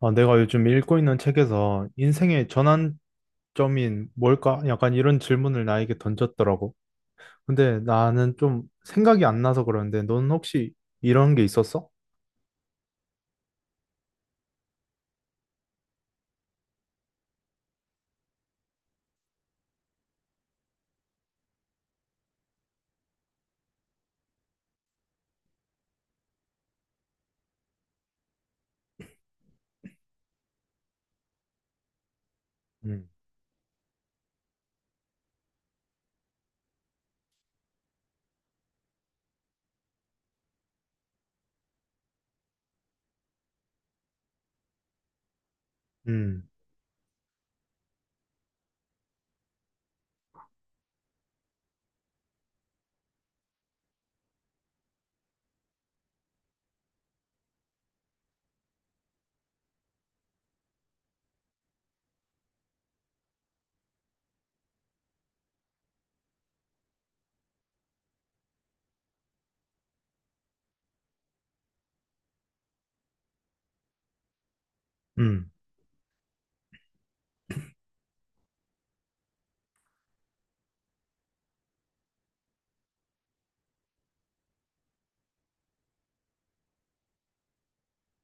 아, 내가 요즘 읽고 있는 책에서 인생의 전환점인 뭘까? 약간 이런 질문을 나에게 던졌더라고. 근데 나는 좀 생각이 안 나서 그러는데, 넌 혹시 이런 게 있었어? 음. 음, 음.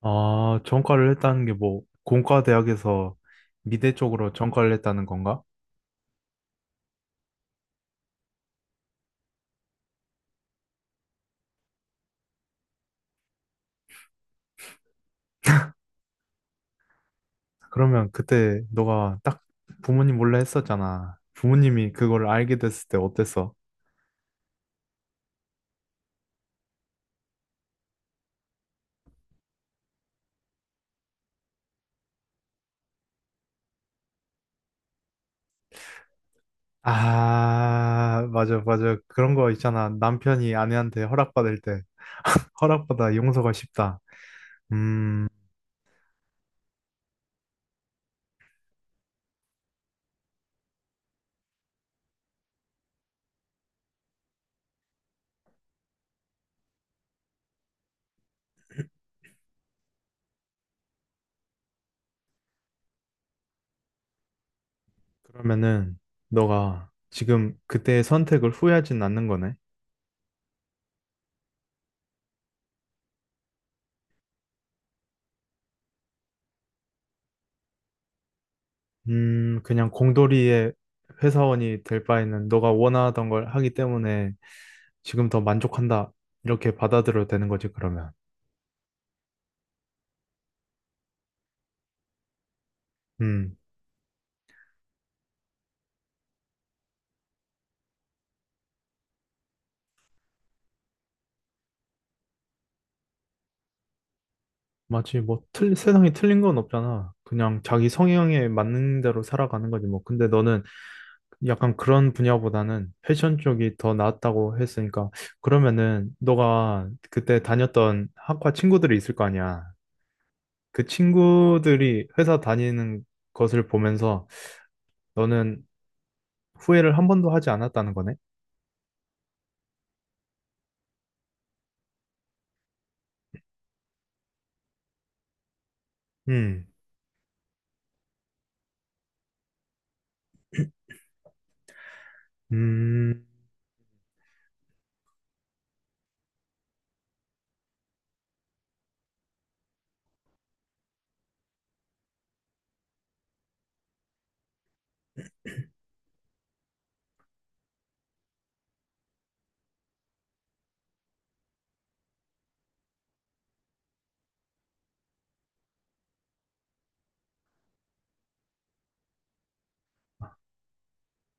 아, 전과를 했다는 게 뭐, 공과대학에서 미대 쪽으로 전과를 했다는 건가? 그러면 그때 너가 딱 부모님 몰래 했었잖아. 부모님이 그걸 알게 됐을 때 어땠어? 아, 맞아, 맞아. 그런 거 있잖아. 남편이 아내한테 허락받을 때. 허락받아 용서가 쉽다. 음, 그러면은 너가 지금 그때의 선택을 후회하진 않는 거네. 그냥 공돌이의 회사원이 될 바에는 너가 원하던 걸 하기 때문에 지금 더 만족한다. 이렇게 받아들여도 되는 거지, 그러면. 음, 마치 뭐 세상에 틀린 건 없잖아. 그냥 자기 성향에 맞는 대로 살아가는 거지, 뭐. 근데 너는 약간 그런 분야보다는 패션 쪽이 더 나았다고 했으니까 그러면은 너가 그때 다녔던 학과 친구들이 있을 거 아니야. 그 친구들이 회사 다니는 것을 보면서 너는 후회를 한 번도 하지 않았다는 거네. 음, 음,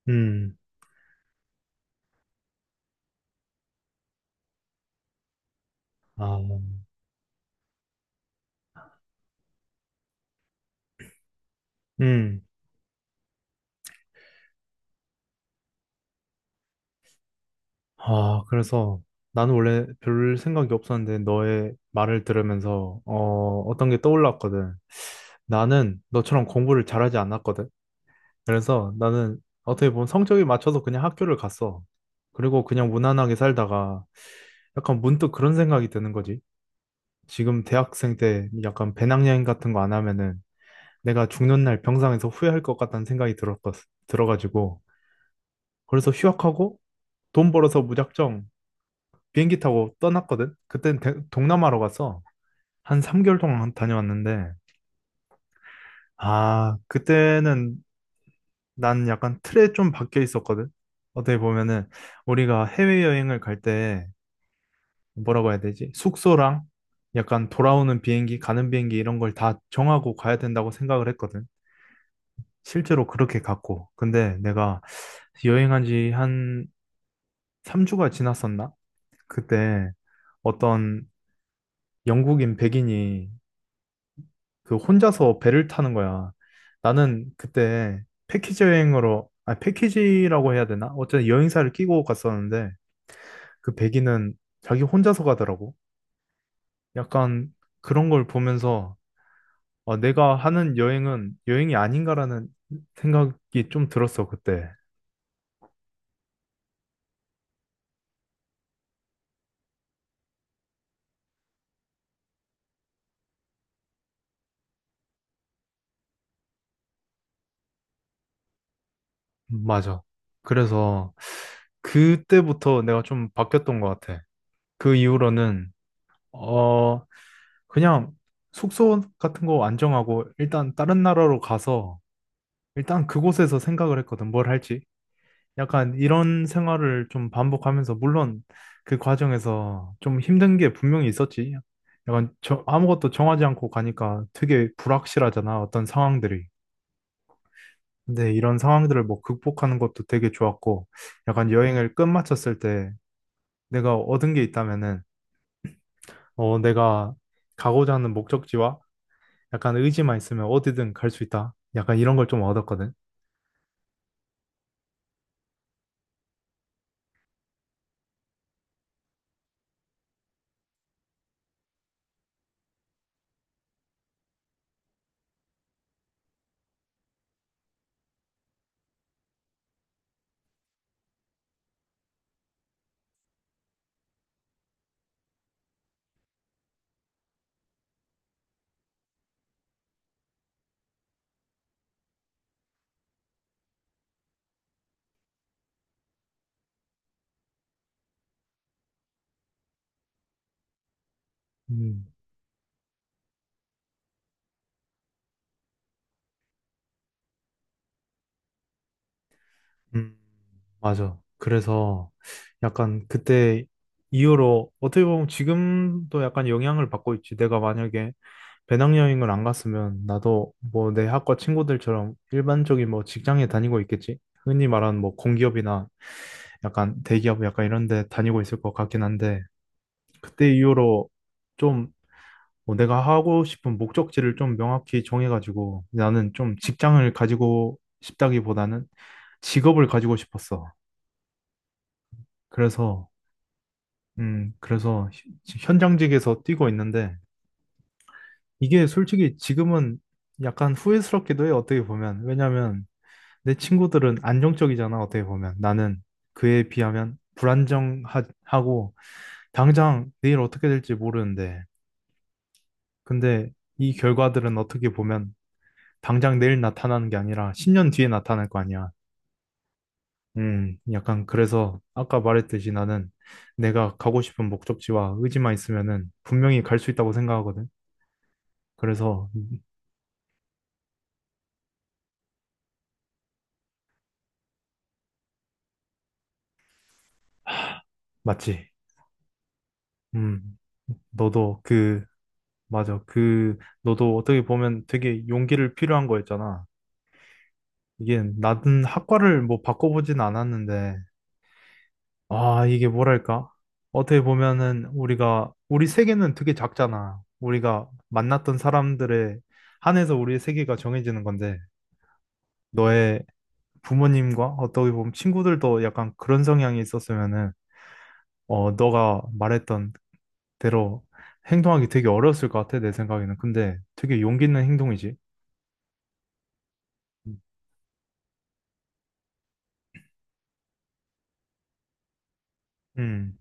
음, 아, 음, 아. 그래서 나는 원래 별 생각이 없었는데 너의 말을 들으면서 어떤 게 떠올랐거든. 나는 너처럼 공부를 잘하지 않았거든. 그래서 나는 어떻게 보면 성적이 맞춰서 그냥 학교를 갔어. 그리고 그냥 무난하게 살다가 약간 문득 그런 생각이 드는 거지. 지금 대학생 때 약간 배낭여행 같은 거 안 하면은 내가 죽는 날 병상에서 후회할 것 같다는 생각이 들어가지고 그래서 휴학하고 돈 벌어서 무작정 비행기 타고 떠났거든. 그땐 동남아로 갔어. 한 3개월 동안 다녀왔는데 아, 그때는 난 약간 틀에 좀 박혀 있었거든. 어떻게 보면은 우리가 해외여행을 갈 때 뭐라고 해야 되지? 숙소랑 약간 돌아오는 비행기, 가는 비행기 이런 걸 다 정하고 가야 된다고 생각을 했거든. 실제로 그렇게 갔고. 근데 내가 여행한 지 한 3주가 지났었나? 그때 어떤 영국인 백인이 그 혼자서 배를 타는 거야. 나는 그때 패키지 여행으로, 아, 패키지라고 해야 되나? 어쨌든 여행사를 끼고 갔었는데 그 백인은 자기 혼자서 가더라고. 약간 그런 걸 보면서 아, 내가 하는 여행은 여행이 아닌가라는 생각이 좀 들었어, 그때. 맞아. 그래서 그때부터 내가 좀 바뀌었던 것 같아. 그 이후로는 어 그냥 숙소 같은 거 안 정하고 일단 다른 나라로 가서 일단 그곳에서 생각을 했거든. 뭘 할지. 약간 이런 생활을 좀 반복하면서 물론 그 과정에서 좀 힘든 게 분명히 있었지. 약간 아무것도 정하지 않고 가니까 되게 불확실하잖아, 어떤 상황들이. 근데 이런 상황들을 뭐 극복하는 것도 되게 좋았고, 약간 여행을 끝마쳤을 때 내가 얻은 게 있다면은, 내가 가고자 하는 목적지와 약간 의지만 있으면 어디든 갈 수 있다. 약간 이런 걸 좀 얻었거든. 음. 음, 맞아. 그래서 약간 그때 이후로 어떻게 보면 지금도 약간 영향을 받고 있지. 내가 만약에 배낭여행을 안 갔으면 나도 뭐 내 학과 친구들처럼 일반적인 뭐 직장에 다니고 있겠지. 흔히 말하는 뭐 공기업이나 약간 대기업 약간 이런 데 다니고 있을 것 같긴 한데 그때 이후로 좀뭐 내가 하고 싶은 목적지를 좀 명확히 정해가지고 나는 좀 직장을 가지고 싶다기보다는 직업을 가지고 싶었어. 그래서, 그래서 현장직에서 뛰고 있는데, 이게 솔직히 지금은 약간 후회스럽기도 해요, 어떻게 보면. 왜냐면 내 친구들은 안정적이잖아, 어떻게 보면. 나는 그에 비하면 불안정하고, 당장 내일 어떻게 될지 모르는데, 근데 이 결과들은 어떻게 보면 당장 내일 나타나는 게 아니라 10년 뒤에 나타날 거 아니야. 약간 그래서 아까 말했듯이 나는 내가 가고 싶은 목적지와 의지만 있으면은 분명히 갈 수 있다고 생각하거든. 그래서. 맞지. 음. 너도 맞아. 너도 어떻게 보면 되게 용기를 필요한 거였잖아. 이게 나는 학과를 뭐 바꿔보진 않았는데 아, 이게 뭐랄까? 어떻게 보면은 우리가 우리 세계는 되게 작잖아. 우리가 만났던 사람들의 한해서 우리의 세계가 정해지는 건데 너의 부모님과 어떻게 보면 친구들도 약간 그런 성향이 있었으면은 너가 말했던 대로 행동하기 되게 어려웠을 것 같아, 내 생각에는. 근데 되게 용기 있는 행동이지. 음,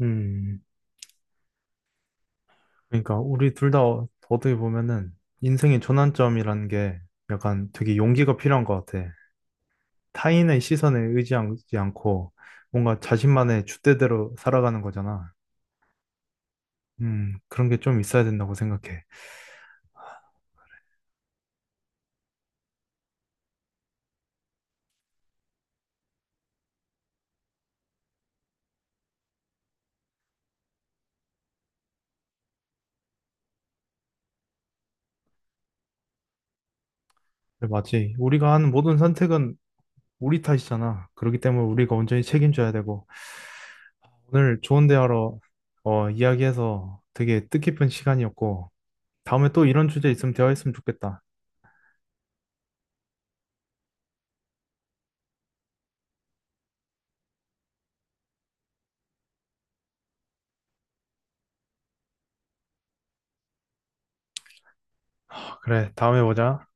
음. 그러니까 우리 둘 다 어떻게 보면은 인생의 전환점이라는 게 약간 되게 용기가 필요한 것 같아. 타인의 시선에 의지하지 않고 뭔가 자신만의 줏대대로 살아가는 거잖아. 그런 게 좀 있어야 된다고 생각해. 맞지. 우리가 하는 모든 선택은 우리 탓이잖아. 그렇기 때문에 우리가 온전히 책임져야 되고. 오늘 좋은 대화로 이야기해서 되게 뜻깊은 시간이었고, 다음에 또 이런 주제 있으면 대화했으면 좋겠다. 그래, 다음에 보자.